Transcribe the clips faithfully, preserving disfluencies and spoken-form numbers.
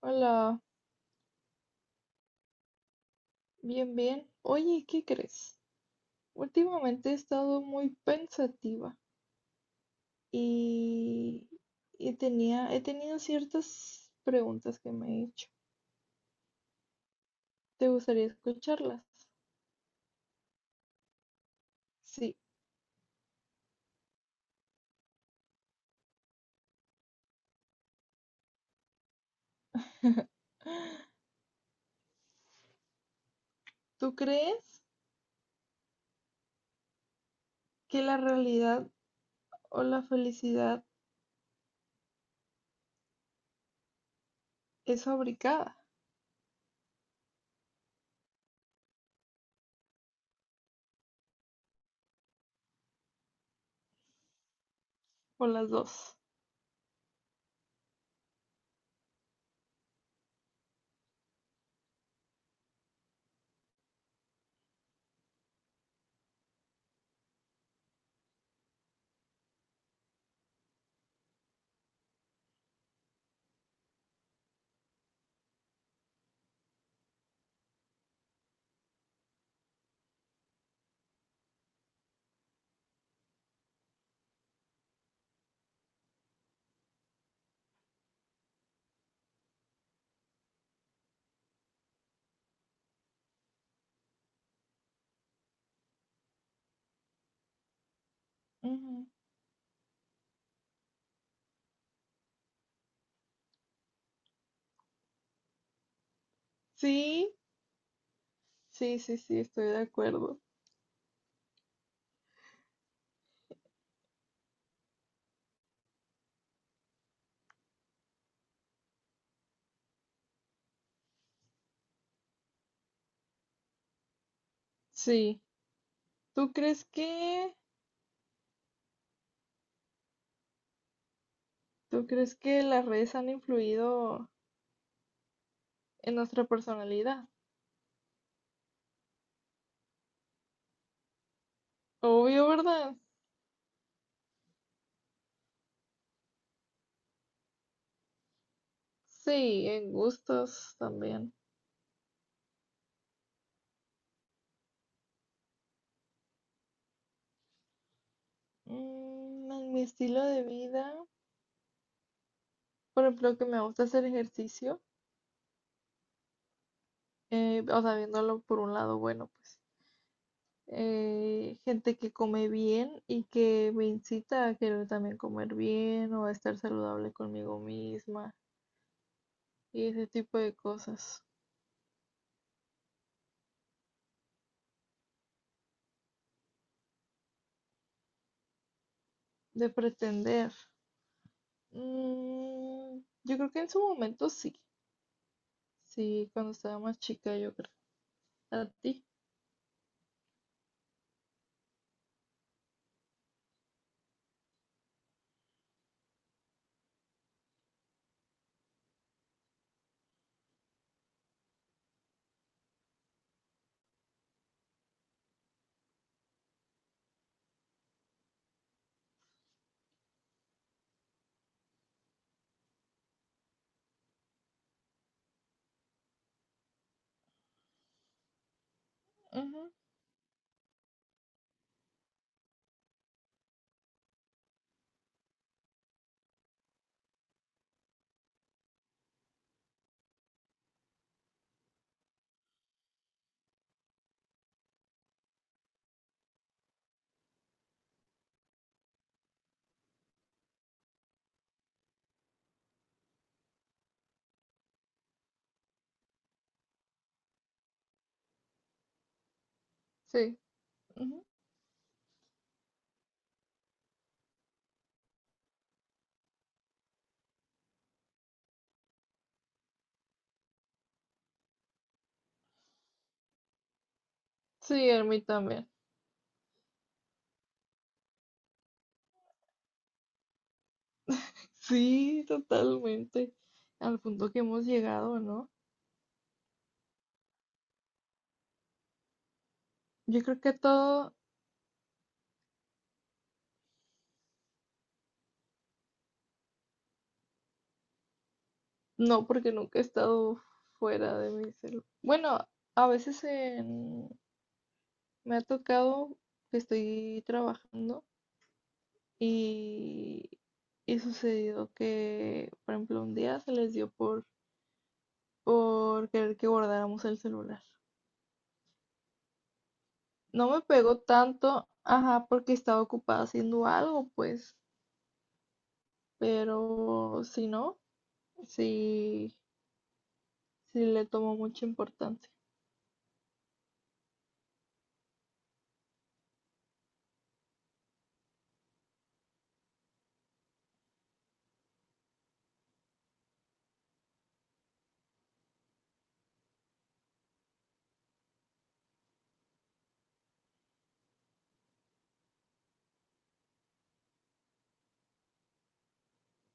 Hola, bien, bien. Oye, ¿qué crees? Últimamente he estado muy pensativa y, y tenía, he tenido ciertas preguntas que me he hecho. ¿Te gustaría escucharlas? Sí. ¿Tú crees que la realidad o la felicidad es fabricada? ¿O las dos? Ujú. Sí, sí, sí, sí, estoy de acuerdo. Sí. ¿Tú crees que, ¿tú crees que las redes han influido? En nuestra personalidad. Obvio, ¿verdad? Sí, en gustos también. Mm, en mi estilo de vida, por ejemplo, que me gusta hacer ejercicio, eh, o sea, viéndolo por un lado bueno, pues. Eh, gente que come bien y que me incita a querer también comer bien o a estar saludable conmigo misma y ese tipo de cosas. De pretender. Mm, yo creo que en su momento sí. Sí, cuando estaba más chica, yo creo. ¿A ti? Ujú. Sí, ujú. Sí, a mí también. Sí, totalmente. Al punto que hemos llegado, ¿no? Yo creo que todo, no, porque nunca he estado fuera de mi celular. Bueno, a veces en- me ha tocado que estoy trabajando y, y sucedió que, por ejemplo, un día se les dio por, por querer que guardáramos el celular. No me pegó tanto, ajá, porque estaba ocupada haciendo algo, pues. Pero si no, sí, sí le tomo mucha importancia.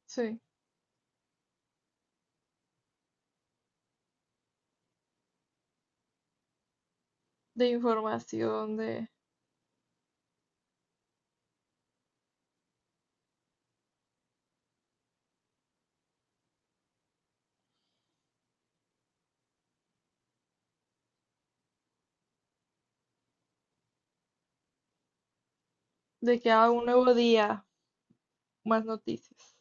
Sí, de información, de, de que haga un nuevo día, más noticias.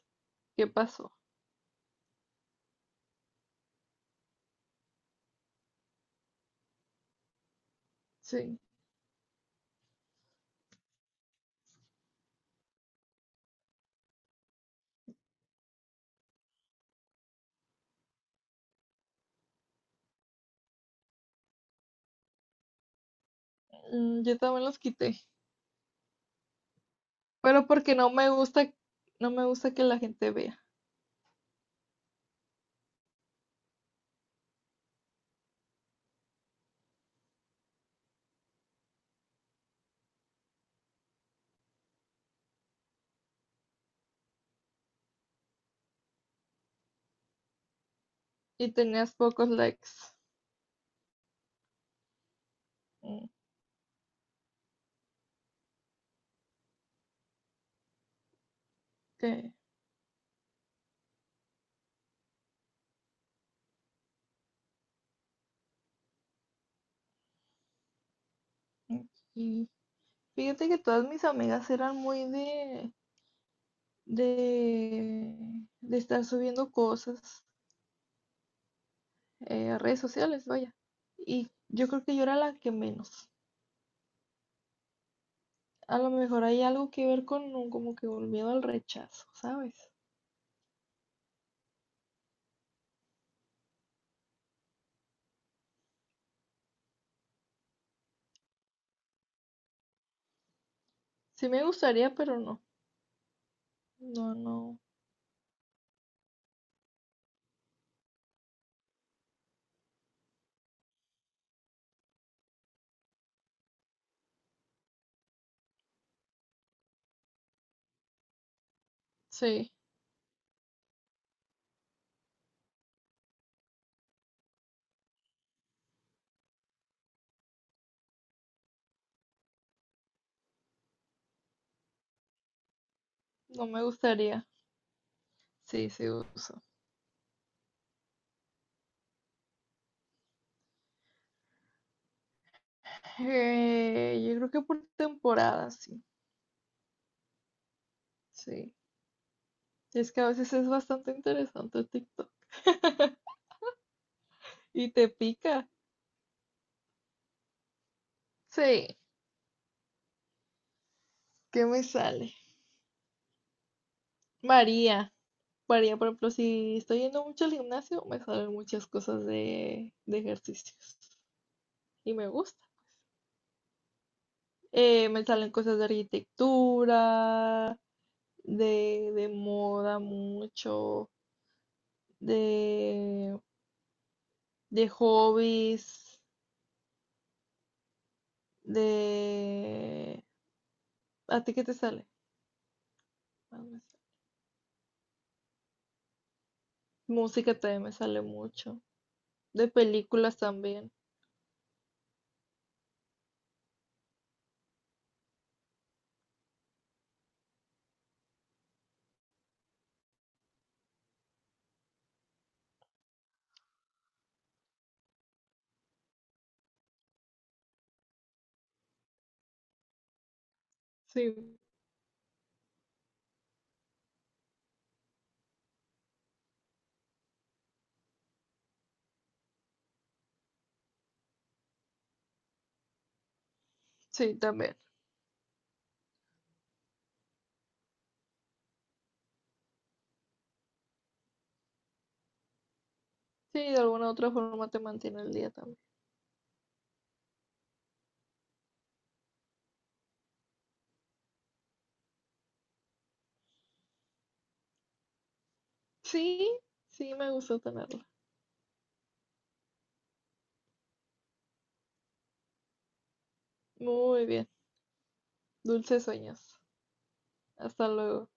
¿Qué pasó? Sí. Mm, yo también los quité, pero porque no me gusta, no me gusta que la gente vea. Y tenías pocos likes. Mm, ok, mm, y Fíjate que todas mis amigas eran muy de, de, de estar subiendo cosas eh, a redes sociales, vaya. Y yo creo que yo era la que menos. A lo mejor hay algo que ver con un, como que un miedo al rechazo, ¿sabes? Sí me gustaría, pero no. No, no. Sí, no me gustaría. Sí, sí uso. Eh, yo creo que por temporada, sí. Sí. Es que a veces es bastante interesante TikTok. Y te pica. Sí, ¿qué me sale? María. Varía, por ejemplo, si estoy yendo mucho al gimnasio, me salen muchas cosas de, de ejercicios y me gusta. Eh, me salen cosas de arquitectura, de, de moda mucho, de, de hobbies, de... ¿A ti qué te sale? Ah, me sa- Música también me sale mucho, de películas también. Sí, sí, también. Sí, de alguna otra forma te mantiene el día también. Sí, sí, me gustó tenerlo. Muy bien. Dulces sueños. Hasta luego.